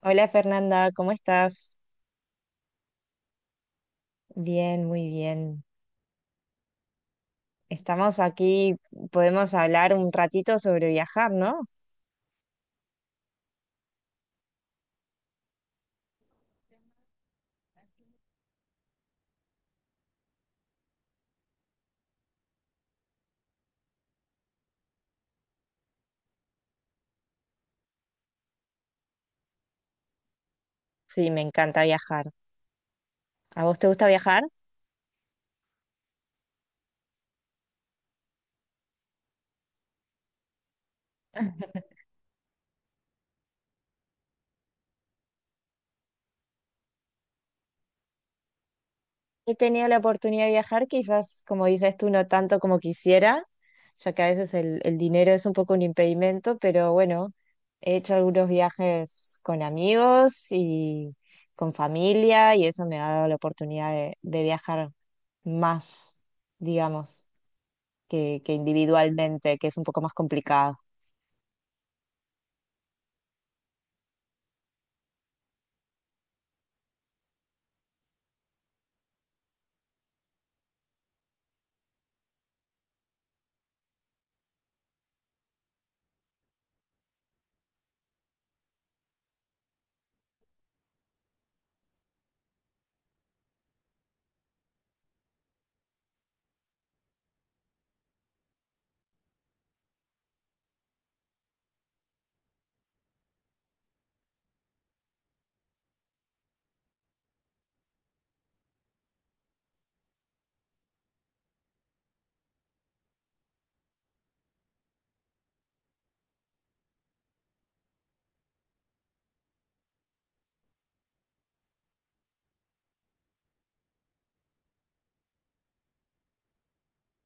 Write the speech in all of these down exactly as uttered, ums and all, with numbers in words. Hola Fernanda, ¿cómo estás? Bien, muy bien. Estamos aquí, podemos hablar un ratito sobre viajar, ¿no? Sí, me encanta viajar. ¿A vos te gusta viajar? He tenido la oportunidad de viajar, quizás, como dices tú, no tanto como quisiera, ya que a veces el, el dinero es un poco un impedimento, pero bueno, he hecho algunos viajes con amigos y con familia y eso me ha dado la oportunidad de de viajar más, digamos. que, que individualmente, que es un poco más complicado.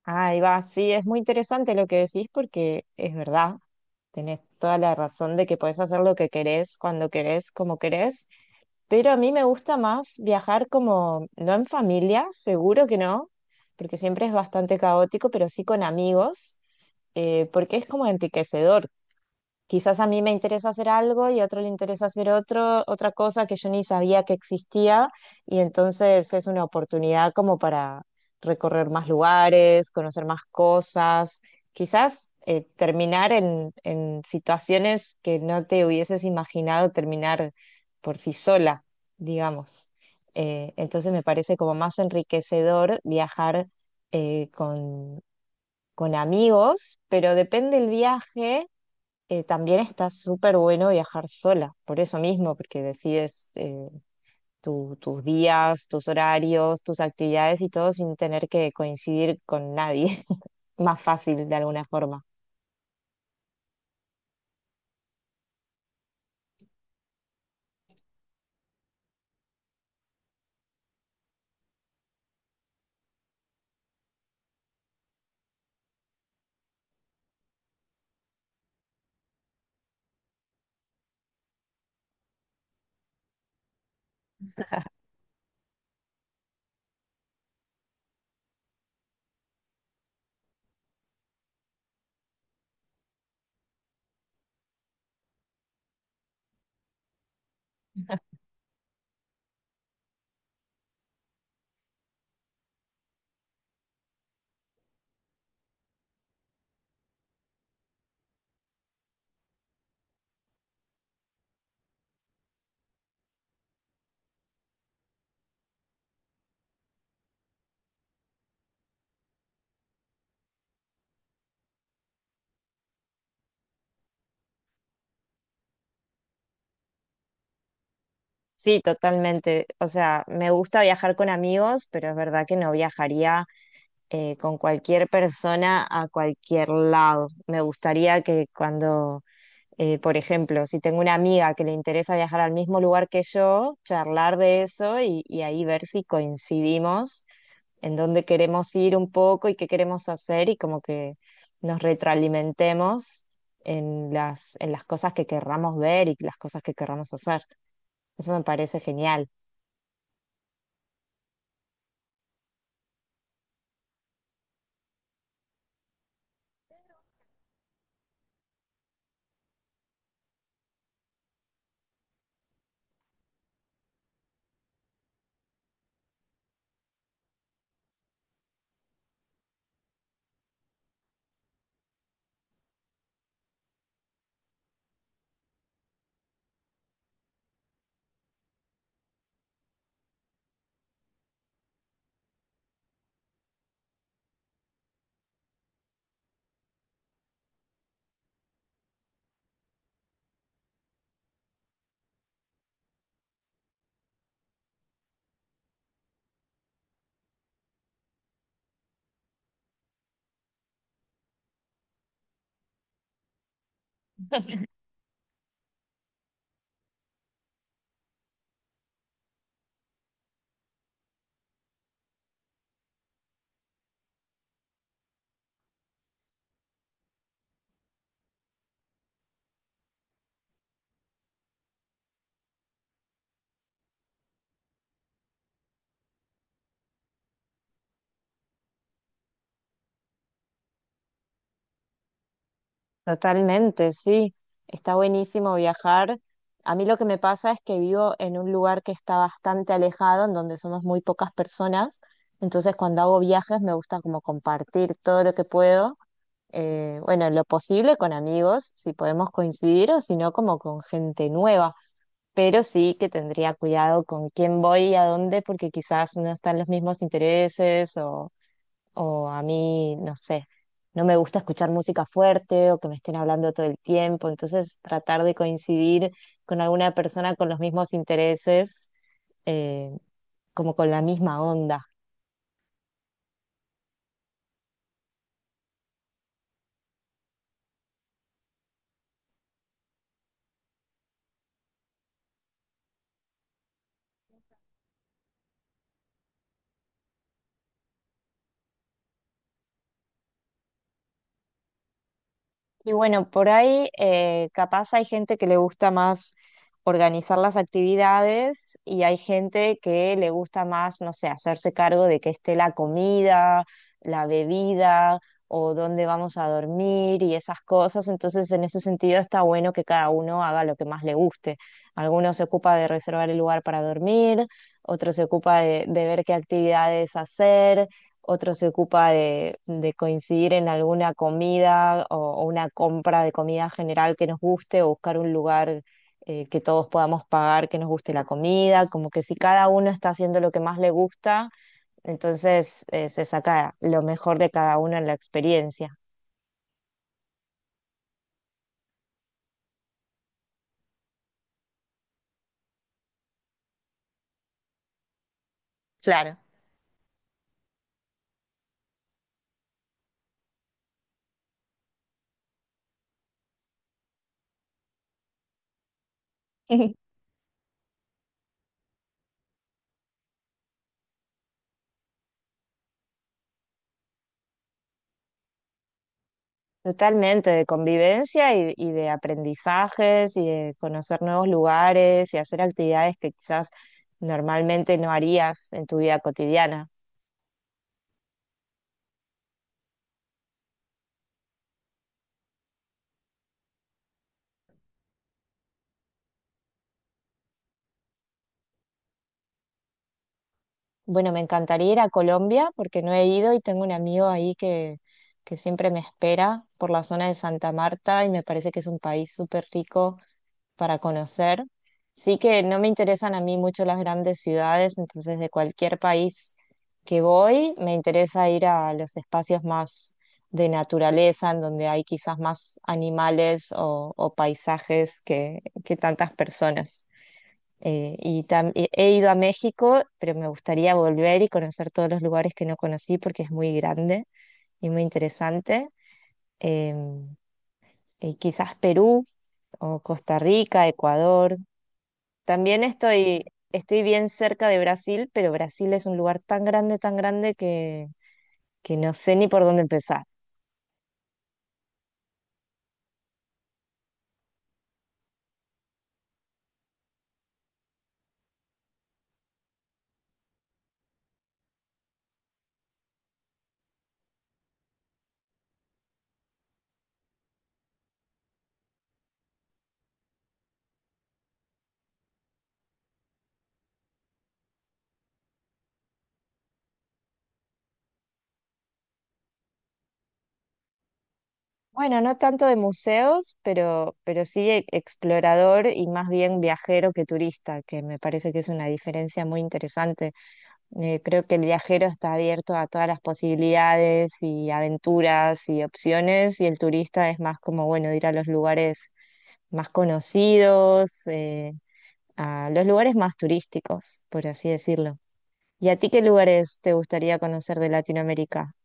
Ahí va, sí, es muy interesante lo que decís porque es verdad, tenés toda la razón de que podés hacer lo que querés, cuando querés, como querés, pero a mí me gusta más viajar como, no en familia, seguro que no, porque siempre es bastante caótico, pero sí con amigos, eh, porque es como enriquecedor. Quizás a mí me interesa hacer algo y a otro le interesa hacer otro, otra cosa que yo ni sabía que existía, y entonces es una oportunidad como para recorrer más lugares, conocer más cosas, quizás eh, terminar en, en situaciones que no te hubieses imaginado terminar por sí sola, digamos. Eh, entonces me parece como más enriquecedor viajar eh, con, con amigos, pero depende el viaje. Eh, también está súper bueno viajar sola, por eso mismo, porque decides eh, tu- tus días, tus horarios, tus actividades y todo sin tener que coincidir con nadie. Más fácil de alguna forma. Sí, totalmente. O sea, me gusta viajar con amigos, pero es verdad que no viajaría eh, con cualquier persona a cualquier lado. Me gustaría que cuando Eh, por ejemplo, si tengo una amiga que le interesa viajar al mismo lugar que yo, charlar de eso y, y ahí ver si coincidimos en dónde queremos ir un poco y qué queremos hacer y como que nos retroalimentemos en las, en las cosas que querramos ver y las cosas que querramos hacer. Eso me parece genial. Totalmente, sí. Está buenísimo viajar. A mí lo que me pasa es que vivo en un lugar que está bastante alejado, en donde somos muy pocas personas. Entonces, cuando hago viajes, me gusta como compartir todo lo que puedo. Eh, bueno, en lo posible con amigos, si podemos coincidir, o si no, como con gente nueva. Pero sí que tendría cuidado con quién voy y a dónde, porque quizás no están los mismos intereses o o a mí, no sé, no me gusta escuchar música fuerte o que me estén hablando todo el tiempo, entonces tratar de coincidir con alguna persona con los mismos intereses, eh, como con la misma onda. Y bueno, por ahí eh, capaz hay gente que le gusta más organizar las actividades y hay gente que le gusta más, no sé, hacerse cargo de que esté la comida, la bebida o dónde vamos a dormir y esas cosas. Entonces, en ese sentido está bueno que cada uno haga lo que más le guste. Algunos se ocupa de reservar el lugar para dormir, otros se ocupa de de ver qué actividades hacer, otro se ocupa de, de coincidir en alguna comida o, o una compra de comida general que nos guste o buscar un lugar eh, que todos podamos pagar, que nos guste la comida, como que si cada uno está haciendo lo que más le gusta, entonces eh, se saca lo mejor de cada uno en la experiencia. Claro. Totalmente, de convivencia y, y de aprendizajes y de conocer nuevos lugares y hacer actividades que quizás normalmente no harías en tu vida cotidiana. Bueno, me encantaría ir a Colombia porque no he ido y tengo un amigo ahí que, que siempre me espera por la zona de Santa Marta y me parece que es un país súper rico para conocer. Sí que no me interesan a mí mucho las grandes ciudades, entonces de cualquier país que voy me interesa ir a los espacios más de naturaleza, en donde hay quizás más animales o, o paisajes que, que tantas personas. Eh, y tam- y he ido a México, pero me gustaría volver y conocer todos los lugares que no conocí porque es muy grande y muy interesante. Em, y quizás Perú o Costa Rica, Ecuador. También estoy, estoy bien cerca de Brasil, pero Brasil es un lugar tan grande, tan grande que, que no sé ni por dónde empezar. Bueno, no tanto de museos, pero, pero sí e- explorador y más bien viajero que turista, que me parece que es una diferencia muy interesante. Eh, creo que el viajero está abierto a todas las posibilidades y aventuras y opciones, y el turista es más como, bueno, ir a los lugares más conocidos, eh, a los lugares más turísticos, por así decirlo. ¿Y a ti qué lugares te gustaría conocer de Latinoamérica?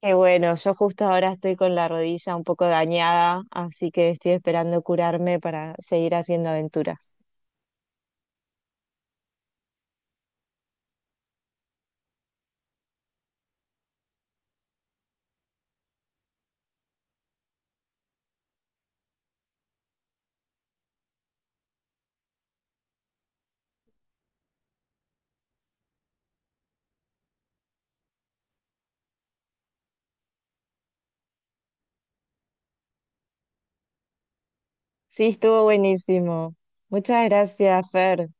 Qué bueno, yo justo ahora estoy con la rodilla un poco dañada, así que estoy esperando curarme para seguir haciendo aventuras. Sí, estuvo buenísimo. Muchas gracias, Fer.